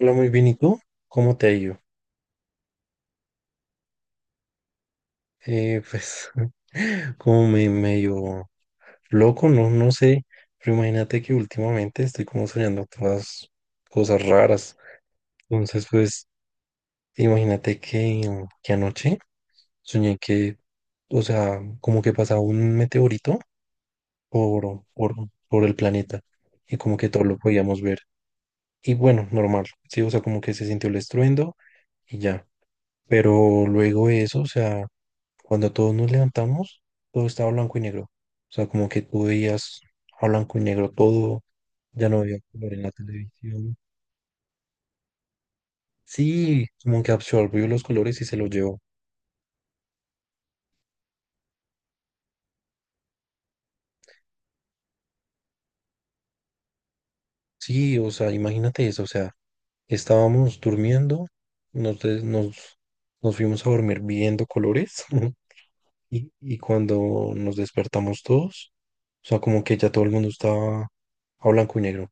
Hola, muy bien. ¿Y tú? ¿Cómo te ha ido? Eh, pues, como me medio loco, no sé. Pero imagínate que últimamente estoy como soñando todas cosas raras. Entonces, pues, imagínate que anoche soñé que, o sea, como que pasaba un meteorito por, por, por el planeta y como que todo lo podíamos ver. Y bueno, normal, sí, o sea, como que se sintió el estruendo y ya. Pero luego de eso, o sea. Cuando todos nos levantamos, todo estaba blanco y negro. O sea, como que tú veías a blanco y negro todo, ya no había color en la televisión. Sí, como que absorbió los colores y se los llevó. Sí, o sea, imagínate eso, o sea, estábamos durmiendo, nos, des- nos, nos fuimos a dormir viendo colores y cuando nos despertamos todos, o sea, como que ya todo el mundo estaba a blanco y negro.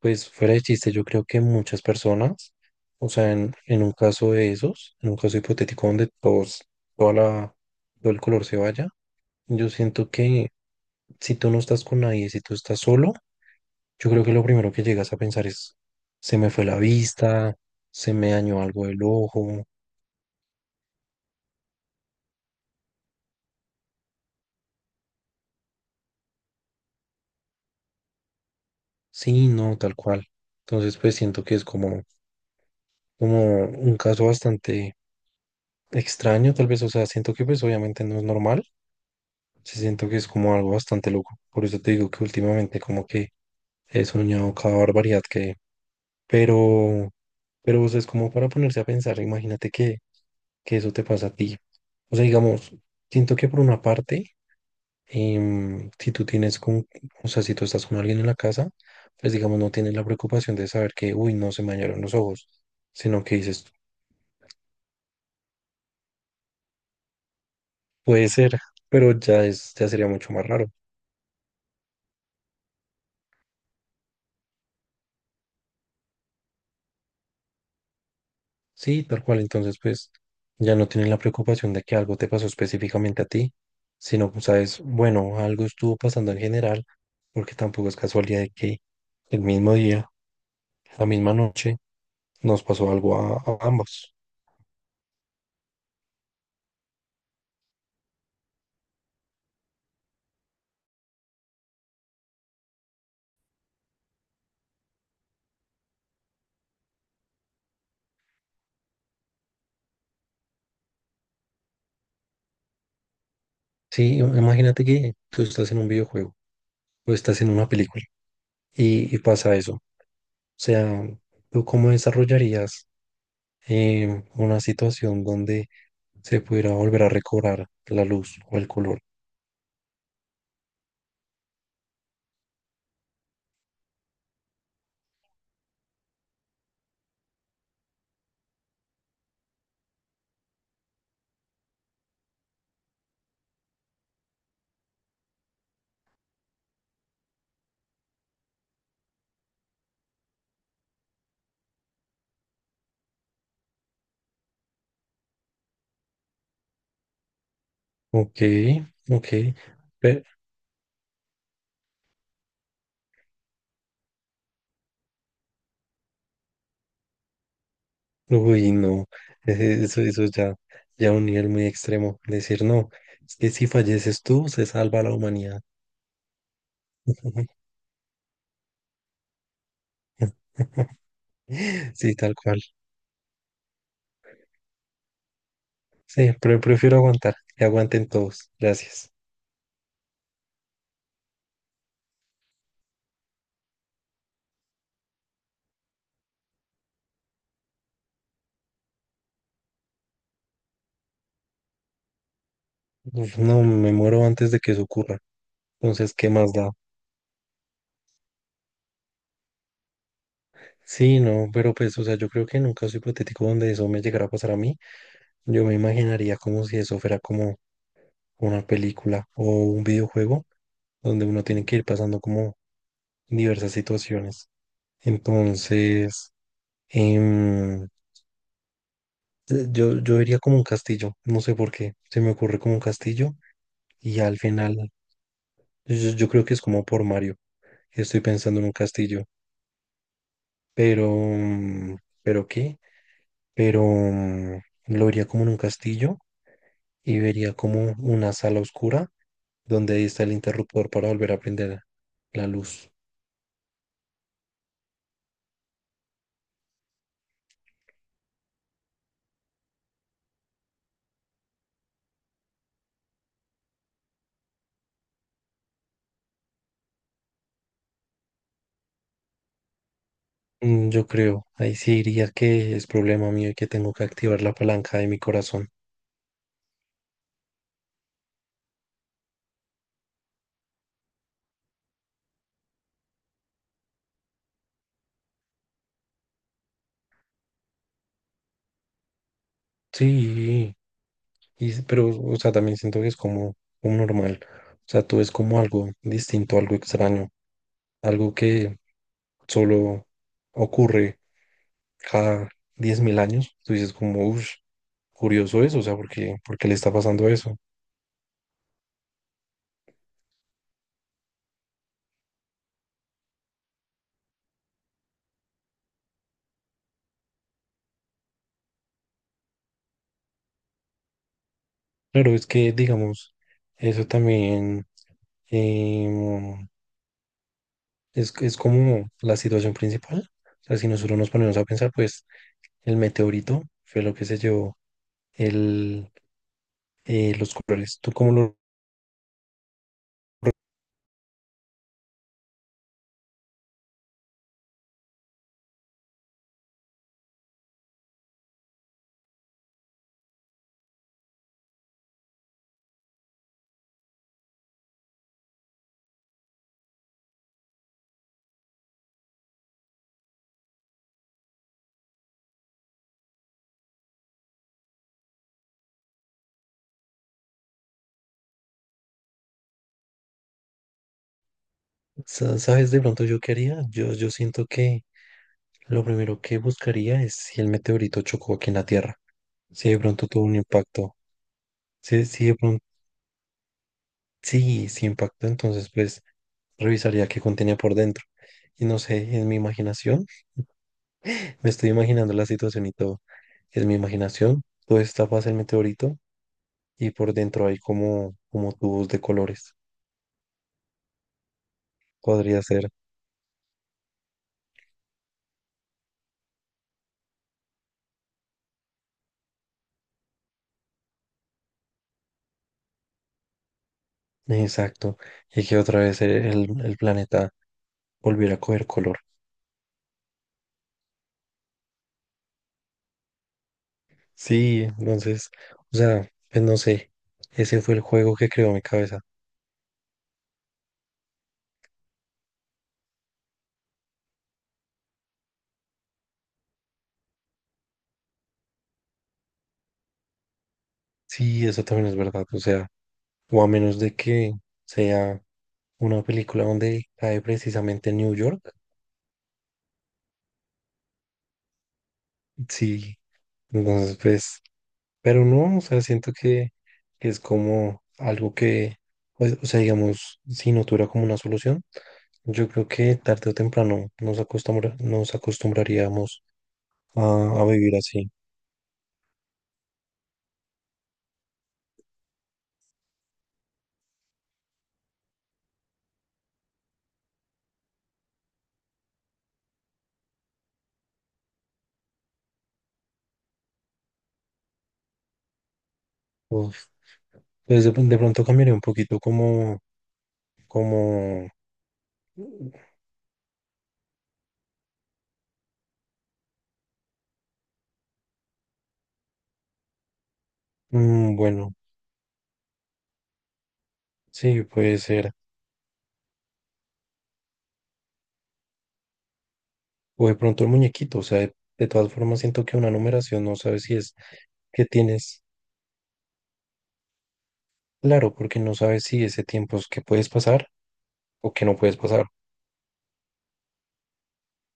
Pues fuera de chiste, yo creo que muchas personas, o sea, en un caso de esos, en un caso hipotético donde todos, toda la, todo el color se vaya, yo siento que si tú no estás con nadie, si tú estás solo, yo creo que lo primero que llegas a pensar es, se me fue la vista, se me dañó algo del ojo, sí, no, tal cual. Entonces, pues siento que es como, como un caso bastante extraño, tal vez, o sea, siento que pues obviamente no es normal se siento que es como algo bastante loco. Por eso te digo que últimamente como que he soñado cada barbaridad que... Pero, pero o sea, es como para ponerse a pensar, imagínate que eso te pasa a ti. O sea, digamos, siento que por una parte, si tú tienes con, o sea, si tú estás con alguien en la casa, pues digamos, no tienes la preocupación de saber que, uy, no se me dañaron los ojos, sino que dices, puede ser, pero ya es, ya sería mucho más raro. Sí, tal cual. Entonces, pues ya no tienes la preocupación de que algo te pasó específicamente a ti, sino, pues, sabes, bueno, algo estuvo pasando en general, porque tampoco es casualidad de que el mismo día, la misma noche, nos pasó algo a ambos. Sí, imagínate que tú estás en un videojuego o estás en una película y pasa eso. O sea, ¿tú cómo desarrollarías una situación donde se pudiera volver a recobrar la luz o el color? Ok, ok. Pe- Uy, no, eso ya, ya un nivel muy extremo. Decir, no, es que si falleces tú, se salva la humanidad. Sí, tal cual. Sí, pero prefiero aguantar, que aguanten todos. Gracias. Uf, no, me muero antes de que eso ocurra. Entonces, ¿qué más da? Sí, no, pero pues, o sea, yo creo que en un caso hipotético donde eso me llegara a pasar a mí, yo me imaginaría como si eso fuera como una película o un videojuego donde uno tiene que ir pasando como diversas situaciones. Entonces, em, yo diría como un castillo, no sé por qué, se me ocurre como un castillo y al final, yo creo que es como por Mario, estoy pensando en un castillo, pero, mm, ¿pero qué? Pero mm, lo vería como en un castillo y vería como una sala oscura donde ahí está el interruptor para volver a prender la luz. Mm, yo creo, ahí sí diría que es problema mío y que tengo que activar la palanca de mi corazón. Sí. Y, s- pero, o sea, también siento que es como, como normal. O sea, tú es como algo distinto, algo extraño, algo que solo ocurre cada 10.000 años. Tú dices como, uff, curioso eso, o sea, porque porque le está pasando eso? Claro, es que, digamos, eso también em, es como la situación principal. O sea, si nosotros nos ponemos a pensar, pues el meteorito fue lo que se llevó el, los colores. ¿Tú cómo lo Sa- ¿Sabes de pronto yo qué haría? Yo siento que lo primero que buscaría es si el meteorito chocó aquí en la Tierra, si de pronto tuvo un impacto, si, si de pronto, sí, sí impactó, entonces pues revisaría qué contenía por dentro. Y no sé, en mi imaginación, me estoy imaginando la situación y todo, es mi imaginación, todo está pasa el meteorito y por dentro hay como, como tubos de colores, podría ser, exacto, y que otra vez el planeta volviera a coger color. Sí, entonces, o sea, pues no sé, ese fue el juego que creó mi cabeza. Sí, eso también es verdad, o sea, o a menos de que sea una película donde cae precisamente en New York, sí, entonces pues, pero no, o sea, siento que es como algo que, pues, o sea, digamos, si no tuviera como una solución, yo creo que tarde o temprano nos acostumbra, nos acostumbraríamos a, a vivir así. Uf, pues de pronto cambiaría un poquito como Como, mm, bueno, sí, puede ser. O de pronto el muñequito, o sea, de todas formas siento que una numeración no sabes si es que tienes, claro, porque no sabes si ese tiempo es que puedes pasar o que no puedes pasar.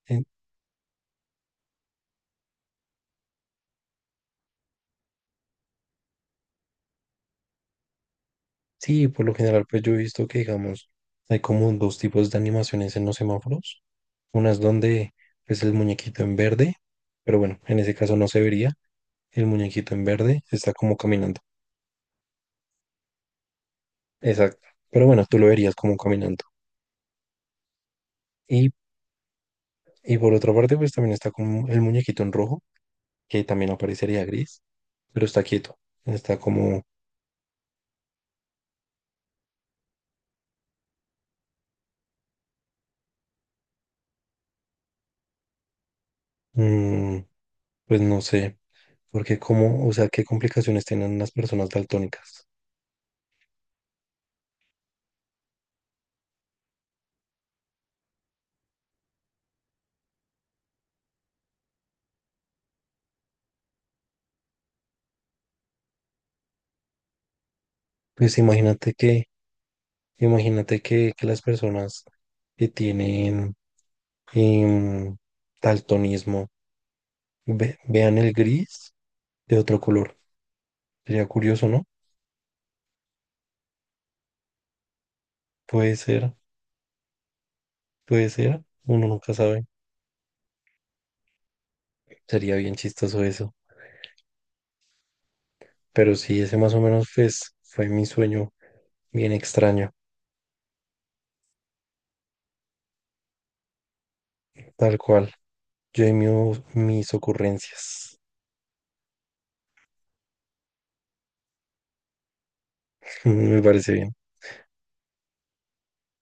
En- Sí, por lo general, pues yo he visto que, digamos, hay como dos tipos de animaciones en los semáforos. Unas donde, pues, el muñequito en verde, pero bueno, en ese caso no se vería. El muñequito en verde está como caminando. Exacto. Pero bueno, tú lo verías como caminando. Y Y por otra parte, pues también está como el muñequito en rojo, que también aparecería gris, pero está quieto. Está como, mm, pues no sé, porque como, o sea, qué complicaciones tienen las personas daltónicas. Pues imagínate que las personas que tienen em, daltonismo ve- vean el gris de otro color. Sería curioso, ¿no? Puede ser, puede ser, uno nunca sabe. Sería bien chistoso eso. Pero sí, ese más o menos pues, fue mi sueño bien extraño, tal cual. Yo y mi- mis ocurrencias. Me parece bien.